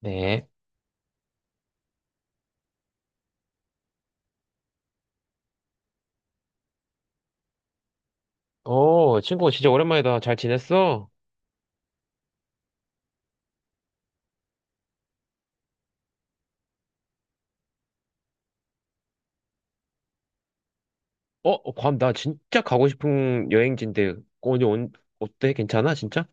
네. 친구 진짜 오랜만이다. 잘 지냈어? 괌, 나 진짜 가고 싶은 여행지인데, 오늘 온, 어때? 괜찮아, 진짜?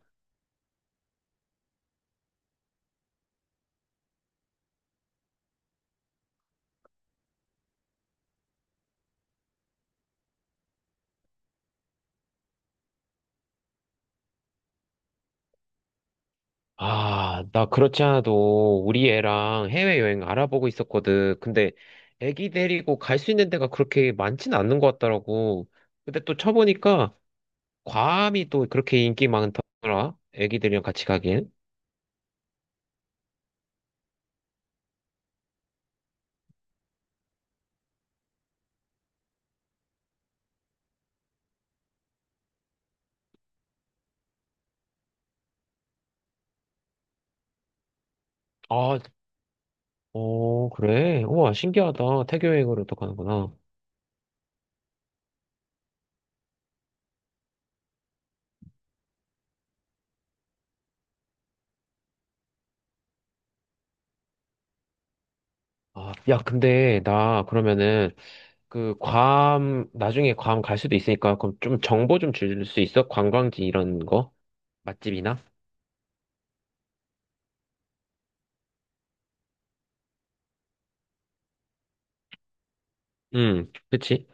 아, 나 그렇지 않아도 우리 애랑 해외여행 알아보고 있었거든. 근데 애기 데리고 갈 수 있는 데가 그렇게 많진 않는 것 같더라고. 근데 또 쳐보니까 괌이 또 그렇게 인기 많더라. 애기들이랑 같이 가기엔. 아, 어, 그래. 우와, 신기하다. 태교 여행으로 또 가는구나. 아, 야, 근데 나 그러면은 그 괌, 나중에 괌 갈 수도 있으니까 그럼 좀 정보 좀 줄 수 있어? 관광지 이런 거? 맛집이나? 응, 그치?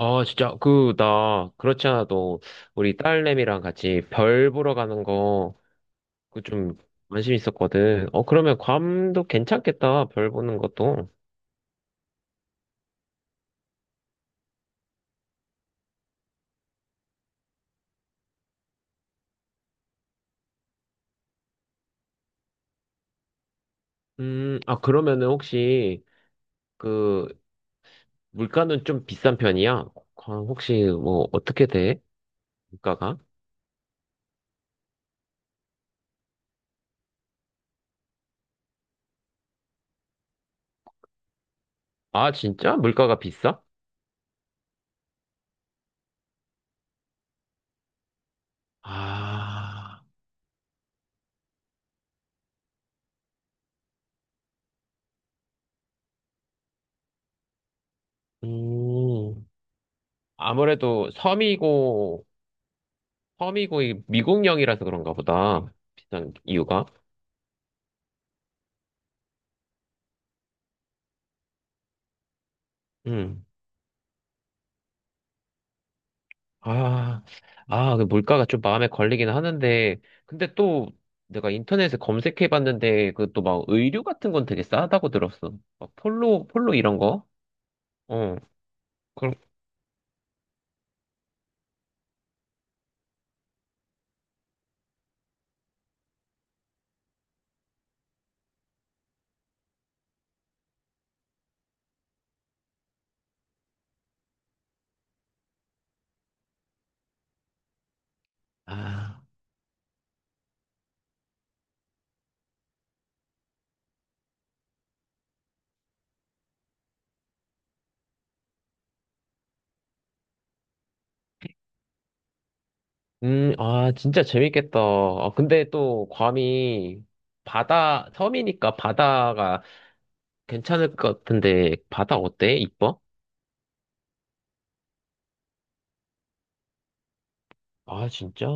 아, 진짜, 그, 나, 그렇지 않아도, 우리 딸내미랑 같이 별 보러 가는 거, 그 좀, 관심 있었거든. 어, 그러면 괌도 괜찮겠다, 별 보는 것도. 아, 그러면은 혹시, 그, 물가는 좀 비싼 편이야? 괌 혹시, 뭐, 어떻게 돼? 물가가? 아, 진짜? 물가가 비싸? 아, 음, 아무래도 섬이고, 섬이고, 이 미국령이라서 그런가 보다. 비싼 이유가. 음, 아, 아, 그 물가가 좀 마음에 걸리긴 하는데, 근데 또 내가 인터넷에 검색해 봤는데, 그 또 막 의류 같은 건 되게 싸다고 들었어. 막 폴로, 폴로 이런 거? 어, 그럼, 아, 아, 진짜 재밌겠다. 아, 근데 또 괌이 바다, 섬이니까 바다가 괜찮을 것 같은데 바다 어때? 이뻐? 아, 진짜?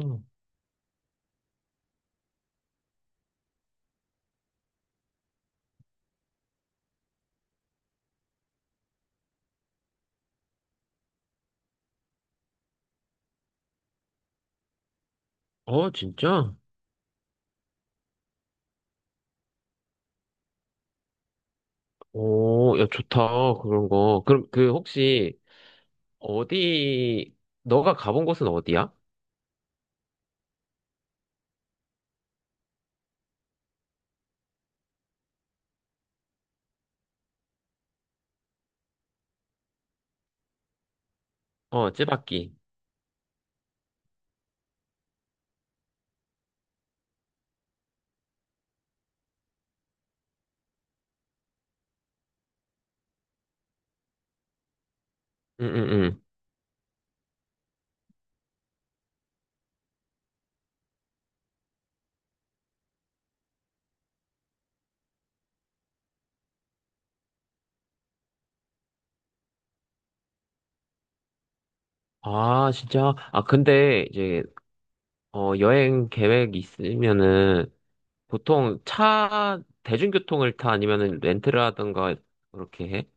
어, 진짜? 오, 야, 좋다. 그런 거. 그럼 그 혹시 어디 너가 가본 곳은 어디야? 어, 찌바키. 응, 응, 응. 아, 진짜? 아, 근데 이제 여행 계획 있으면은 보통 차 대중교통을 타 아니면은 렌트를 하던가 그렇게 해?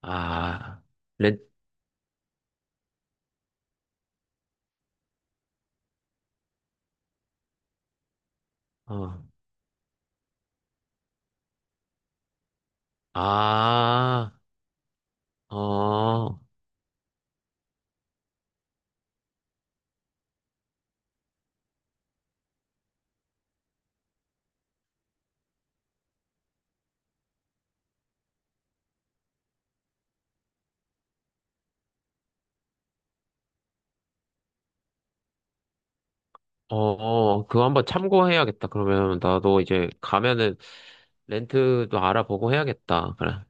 아, 렌 어. 아, 어. 어, 어, 그거 한번 참고해야겠다. 그러면 나도 이제 가면은 렌트도 알아보고 해야겠다. 그래.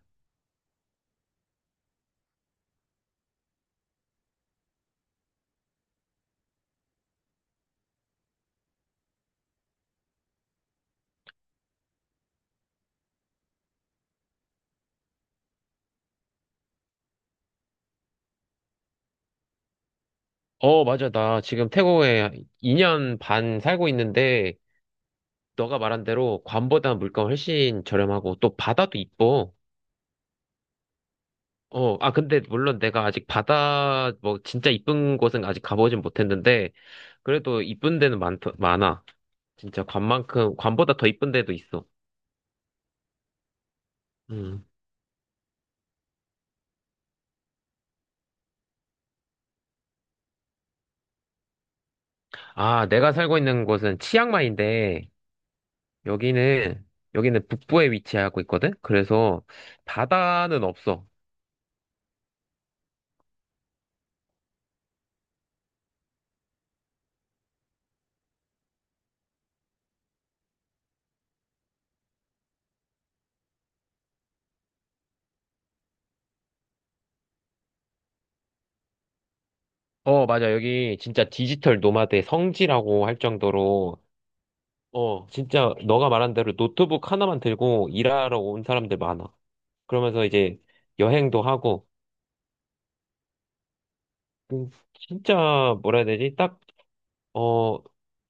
어, 맞아. 나 지금 태국에 2년 반 살고 있는데, 너가 말한 대로 관보다 물가 훨씬 저렴하고, 또 바다도 이뻐. 어, 아, 근데 물론 내가 아직 바다, 뭐, 진짜 이쁜 곳은 아직 가보진 못했는데, 그래도 이쁜 데는 많아. 진짜 관만큼, 관보다 더 이쁜 데도 있어. 음. 아, 내가 살고 있는 곳은 치앙마이인데, 여기는, 여기는 북부에 위치하고 있거든? 그래서 바다는 없어. 어, 맞아. 여기 진짜 디지털 노마드의 성지라고 할 정도로, 어, 진짜 너가 말한 대로 노트북 하나만 들고 일하러 온 사람들 많아. 그러면서 이제 여행도 하고, 진짜 뭐라 해야 되지? 딱, 어,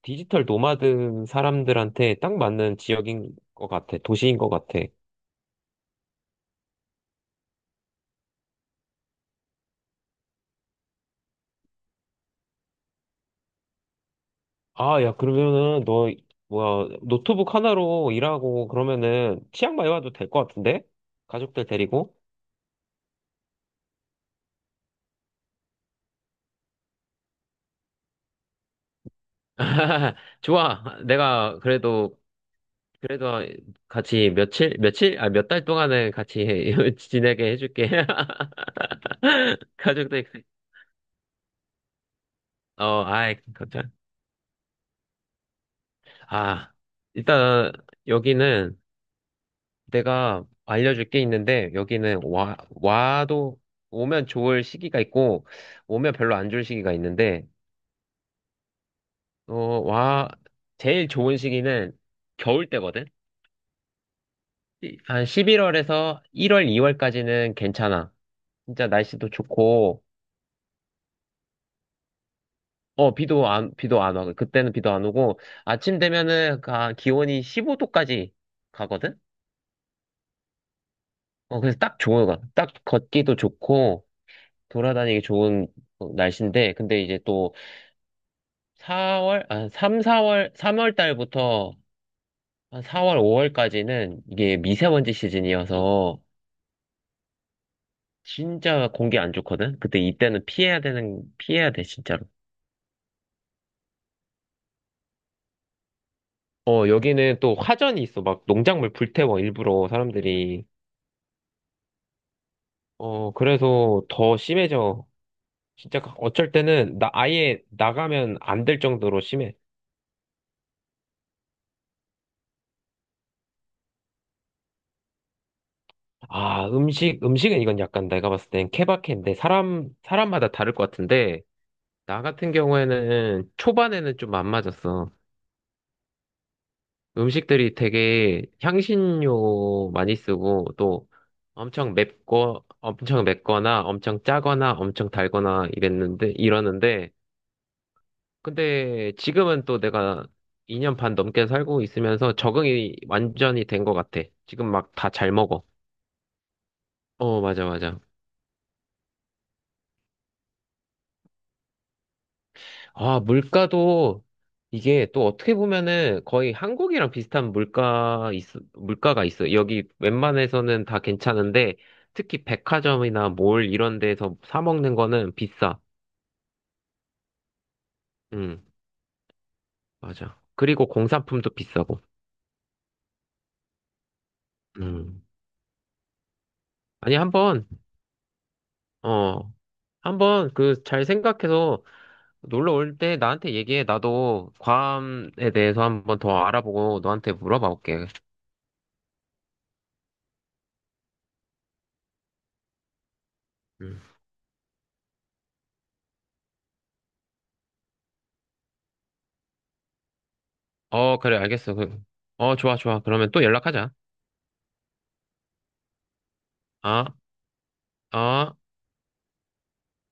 디지털 노마드 사람들한테 딱 맞는 지역인 것 같아. 도시인 것 같아. 아, 야, 그러면은 너 뭐야 노트북 하나로 일하고 그러면은 치앙마이 와도 될 것 같은데? 가족들 데리고? 좋아. 내가 그래도, 그래도 같이 며칠, 며칠? 아, 몇 달 동안은 같이 지내게 해줄게. 가족들, 어, 아이, 걱정. 아, 일단 여기는 내가 알려줄 게 있는데, 여기는 와도, 오면 좋을 시기가 있고, 오면 별로 안 좋을 시기가 있는데, 어, 와, 제일 좋은 시기는 겨울 때거든? 한 11월에서 1월, 2월까지는 괜찮아. 진짜 날씨도 좋고, 어, 비도 안 와. 그때는 비도 안 오고, 아침 되면은 기온이 15도까지 가거든? 어, 그래서 딱 좋은 거. 같아. 딱 걷기도 좋고, 돌아다니기 좋은 어, 날씨인데, 근데 이제 또 3, 4월, 3월 달부터 한 4월, 5월까지는 이게 미세먼지 시즌이어서, 진짜 공기 안 좋거든? 그때 이때는 피해야 돼, 진짜로. 어, 여기는 또 화전이 있어. 막 농작물 불태워, 일부러 사람들이. 어, 그래서 더 심해져. 진짜 그 어쩔 때는 나 아예 나가면 안 될 정도로 심해. 아, 음식, 음식은 이건 약간 내가 봤을 땐 케바케인데 사람마다 다를 것 같은데 나 같은 경우에는 초반에는 좀 안 맞았어. 음식들이 되게 향신료 많이 쓰고 또 엄청 맵고 엄청 맵거나 엄청 짜거나 엄청 달거나 이랬는데 이러는데 근데 지금은 또 내가 2년 반 넘게 살고 있으면서 적응이 완전히 된 것 같아. 지금 막 다 잘 먹어. 어, 맞아, 맞아. 아, 물가도 이게 또 어떻게 보면은 거의 한국이랑 비슷한 물가가 있어. 여기 웬만해서는 다 괜찮은데 특히 백화점이나 몰 이런 데서 사 먹는 거는 비싸. 응, 맞아. 그리고 공산품도 비싸고. 음. 아니, 한번, 어, 한번 그 잘 생각해서 놀러 올 때 나한테 얘기해. 나도 괌에 대해서 한번 더 알아보고 너한테 물어봐 볼게. 음. 어, 그래, 알겠어. 그- 어, 좋아, 좋아. 그러면 또 연락하자. 어, 어.